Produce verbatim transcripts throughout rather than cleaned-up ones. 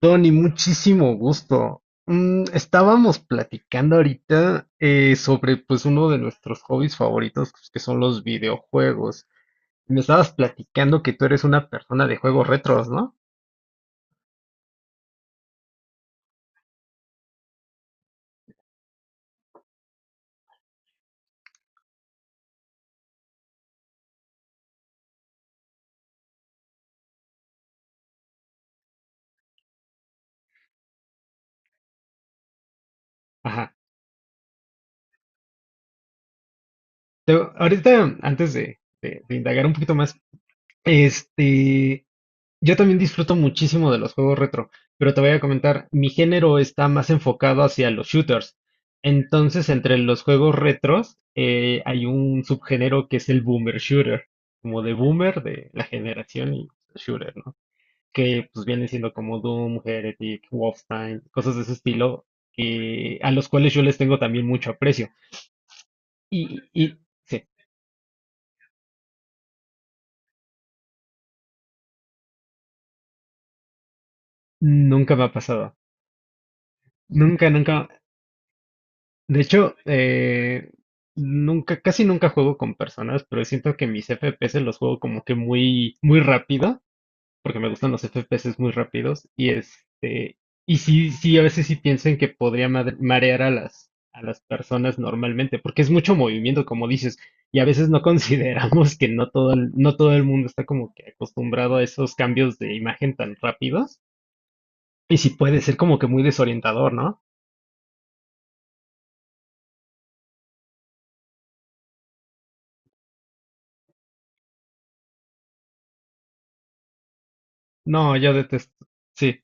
Tony, muchísimo gusto. Mm, estábamos platicando ahorita eh, sobre pues uno de nuestros hobbies favoritos pues, que son los videojuegos. Me estabas platicando que tú eres una persona de juegos retros, ¿no? Ajá. Te- ahorita, antes de, de- de indagar un poquito más, este, yo también disfruto muchísimo de los juegos retro, pero te voy a comentar, mi género está más enfocado hacia los shooters. Entonces, entre los juegos retros, eh, hay un subgénero que es el boomer shooter, como de boomer de la generación y shooter, ¿no? Que pues vienen siendo como Doom, Heretic, Wolfenstein, cosas de ese estilo, que, a los cuales yo les tengo también mucho aprecio. Y, y sí, nunca me ha pasado. Nunca, nunca. De hecho, eh, nunca, casi nunca juego con personas, pero siento que mis F P S los juego como que muy, muy rápido, porque me gustan los F P S muy rápidos. Y este, y sí, sí, a veces sí pienso en que podría madre- marear a las, a las personas normalmente, porque es mucho movimiento, como dices, y a veces no consideramos que no todo el, no todo el mundo está como que acostumbrado a esos cambios de imagen tan rápidos. Y sí puede ser como que muy desorientador, ¿no? No, yo detesto. Sí,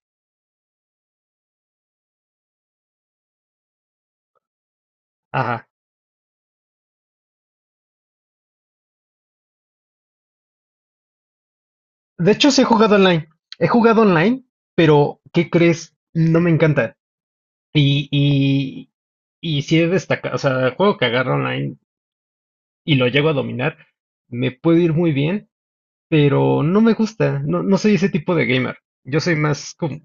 ajá. De hecho, sí he jugado online. He jugado online, pero ¿qué crees? No me encanta. Y, y, y si he destacado, o sea, el juego que agarro online y lo llego a dominar, me puede ir muy bien, pero no me gusta. No, no soy ese tipo de gamer. Yo soy más como.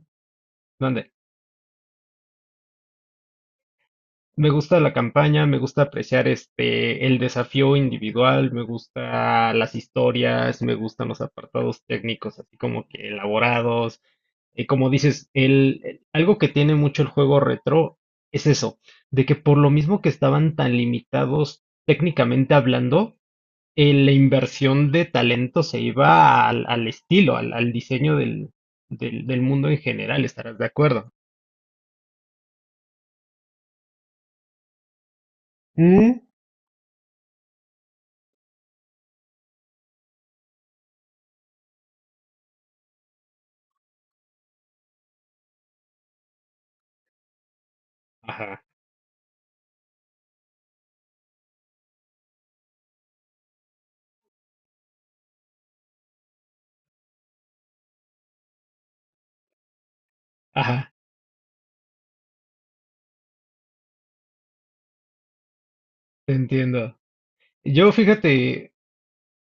Me gusta la campaña, me gusta apreciar este el desafío individual, me gusta las historias, me gustan los apartados técnicos así como que elaborados. Y como dices, el, el- algo que tiene mucho el juego retro es eso, de que por lo mismo que estaban tan limitados técnicamente hablando, eh, la inversión de talento se iba al, al estilo, al, al diseño del, del del mundo en general, estarás de acuerdo. Mm, ajá, ajá, te entiendo. Yo, fíjate,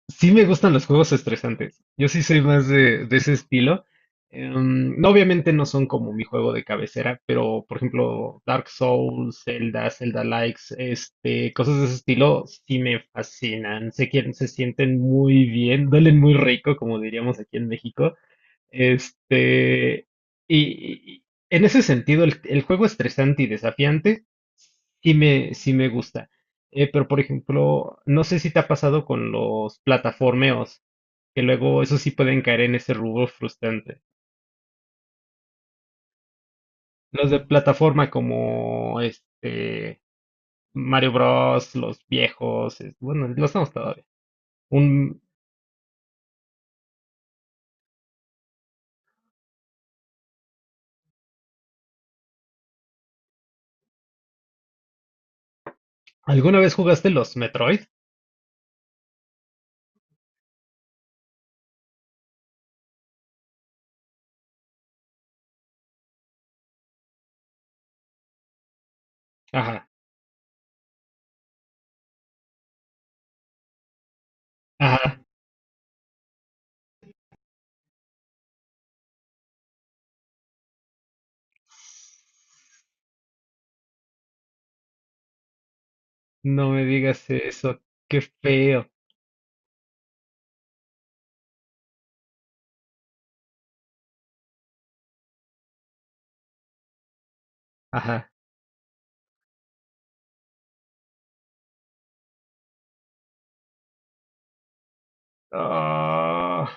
sí me gustan los juegos estresantes. Yo sí soy más de, de ese estilo. Em, no, obviamente no son como mi juego de cabecera, pero por ejemplo, Dark Souls, Zelda, Zelda Likes, este, cosas de ese estilo sí me fascinan. Se quieren, se sienten muy bien, duelen muy rico, como diríamos aquí en México. Este, y, y- y en ese sentido, el el juego estresante y desafiante sí me, sí me gusta. Eh, pero por ejemplo, no sé si te ha pasado con los plataformeos, que luego eso sí pueden caer en ese rubro frustrante. Los de plataforma como este Mario Bros, los viejos, es- bueno, los estamos todavía. Un, ¿alguna vez jugaste los Metroid? Ajá, ajá, no me digas eso, qué feo. Ajá. Ah,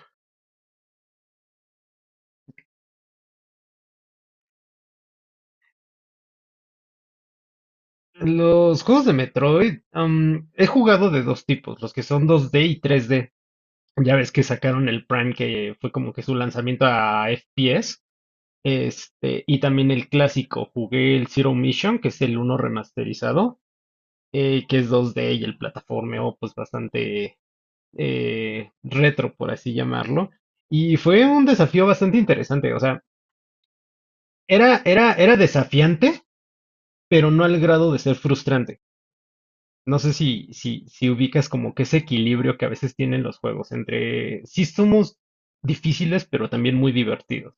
los juegos de Metroid, am, he jugado de dos tipos, los que son dos D y tres D. Ya ves que sacaron el Prime que fue como que su lanzamiento a F P S. Este, y también el clásico, jugué el Zero Mission, que es el uno remasterizado, eh, que es dos D y el plataformeo, pues bastante eh, retro, por así llamarlo. Y fue un desafío bastante interesante. O sea, era, era, era desafiante, pero no al grado de ser frustrante. No sé si, si, si ubicas como que ese equilibrio que a veces tienen los juegos entre sí somos difíciles, pero también muy divertidos.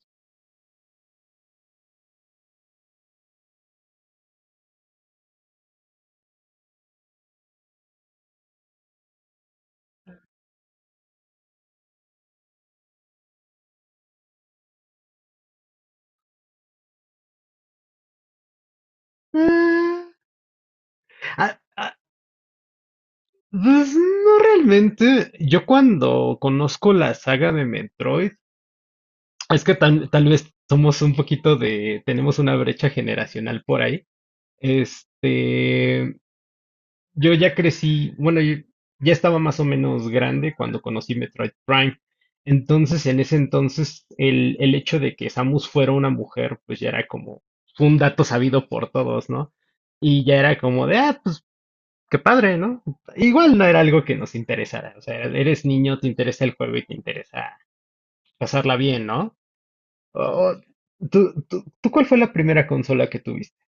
Ah, ah, ah, pues, no realmente. Yo cuando conozco la saga de Metroid, es que tal, tal vez somos un poquito de, tenemos una brecha generacional por ahí. Este, yo ya crecí, bueno, yo ya estaba más o menos grande cuando conocí Metroid Prime. Entonces, en ese entonces, el, el hecho de que Samus fuera una mujer, pues ya era como un dato sabido por todos, ¿no? Y ya era como de, ah, pues qué padre, ¿no? Igual no era algo que nos interesara. O sea, eres niño, te interesa el juego y te interesa pasarla bien, ¿no? O- o- ¿tú, tú, tú cuál fue la primera consola que tuviste?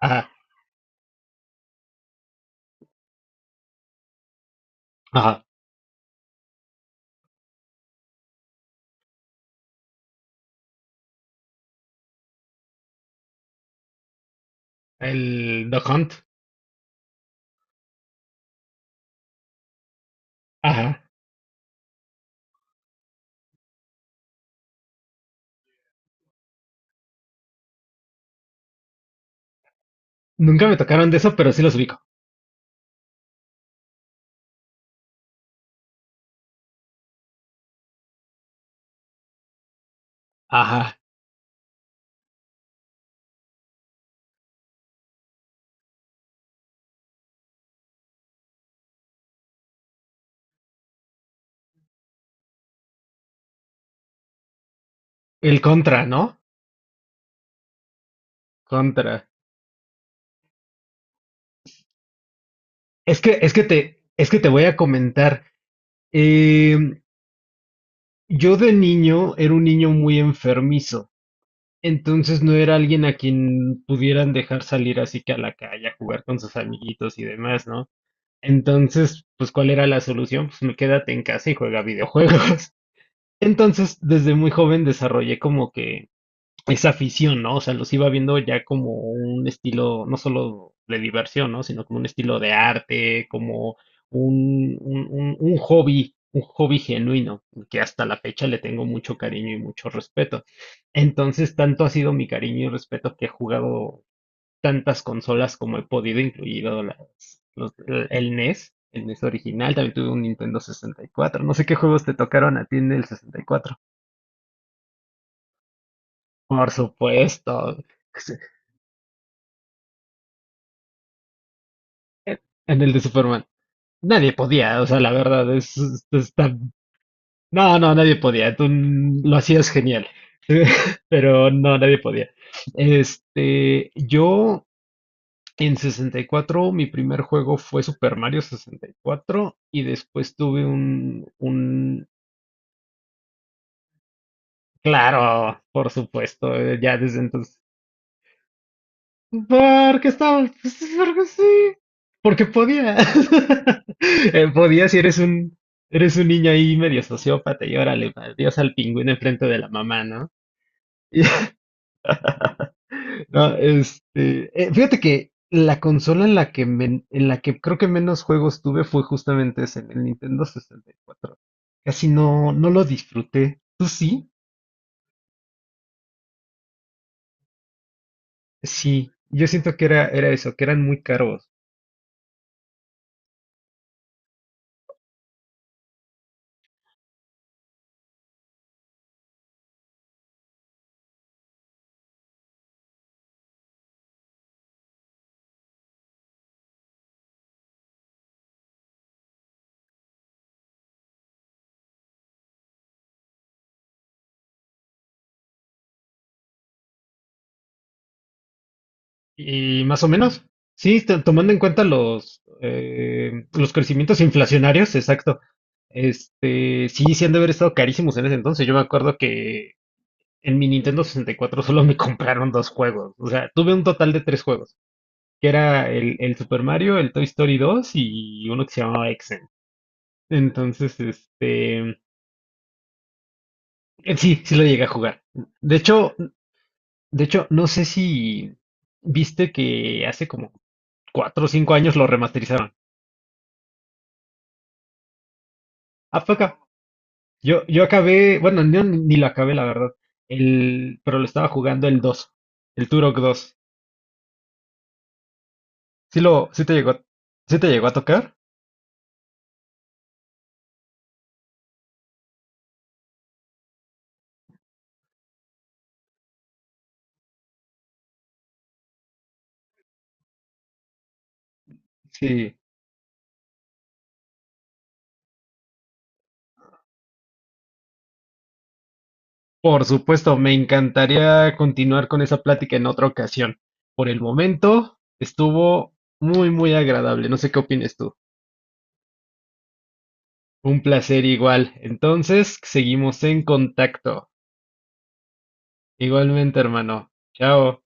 Ajá, ajá. El Duck Hunt. Ajá. Nunca me tocaron de eso, pero sí los ubico. Ajá. El Contra, ¿no? Contra. Es que, es que te, es que te voy a comentar. Em, yo de niño era un niño muy enfermizo. Entonces no era alguien a quien pudieran dejar salir así que a la calle a jugar con sus amiguitos y demás, ¿no? Entonces, pues, ¿cuál era la solución? Pues me quédate en casa y juega videojuegos. Entonces, desde muy joven desarrollé como que esa afición, ¿no? O sea, los iba viendo ya como un estilo, no solo de diversión, ¿no? Sino como un estilo de arte, como un, un, un- un hobby, un hobby genuino, que hasta la fecha le tengo mucho cariño y mucho respeto. Entonces, tanto ha sido mi cariño y respeto que he jugado tantas consolas como he podido, incluido las, los- el el NES, el NES original, también tuve un Nintendo sesenta y cuatro. No sé qué juegos te tocaron a ti en el sesenta y cuatro. Por supuesto. En en el de Superman. Nadie podía, o sea, la verdad. es, es- es tan- No, no, nadie podía. Tú mm, lo hacías genial. Pero no, nadie podía. Este, yo en sesenta y cuatro, mi primer juego fue Super Mario sesenta y cuatro y cuatro y después tuve un, un, claro, por supuesto, eh, ya desde entonces. Porque estaba, pues, porque sí, porque podía. Eh, Podía si eres un, eres un niño ahí medio sociópata y órale, adiós al pingüino enfrente de la mamá, ¿no? No, este, eh, fíjate que la consola en la que men- en la que creo que menos juegos tuve fue justamente ese, en el Nintendo sesenta y cuatro. Casi no, no lo disfruté. ¿Tú sí? Sí, yo siento que era, era eso, que eran muy caros. Y más o menos, sí, to- tomando en cuenta los, eh, los crecimientos inflacionarios, exacto. Este, sí, sí han de haber estado carísimos en ese entonces. Yo me acuerdo que en mi Nintendo sesenta y cuatro solo me compraron dos juegos. O sea, tuve un total de tres juegos, que era el, el Super Mario, el Toy Story dos y uno que se llamaba Exen. Entonces, este, eh, sí, sí lo llegué a jugar. De hecho, de hecho, no sé si viste que hace como cuatro o cinco años lo remasterizaron. Ah, fue acá. Yo, yo acabé, bueno, no, ni ni lo acabé, la verdad. El, pero lo estaba jugando el dos el Turok dos. Sí lo, sí te llegó, a- sí te llegó a tocar. Sí, por supuesto, me encantaría continuar con esa plática en otra ocasión. Por el momento, estuvo muy, muy agradable. No sé qué opines tú. Un placer igual. Entonces, seguimos en contacto. Igualmente, hermano. Chao.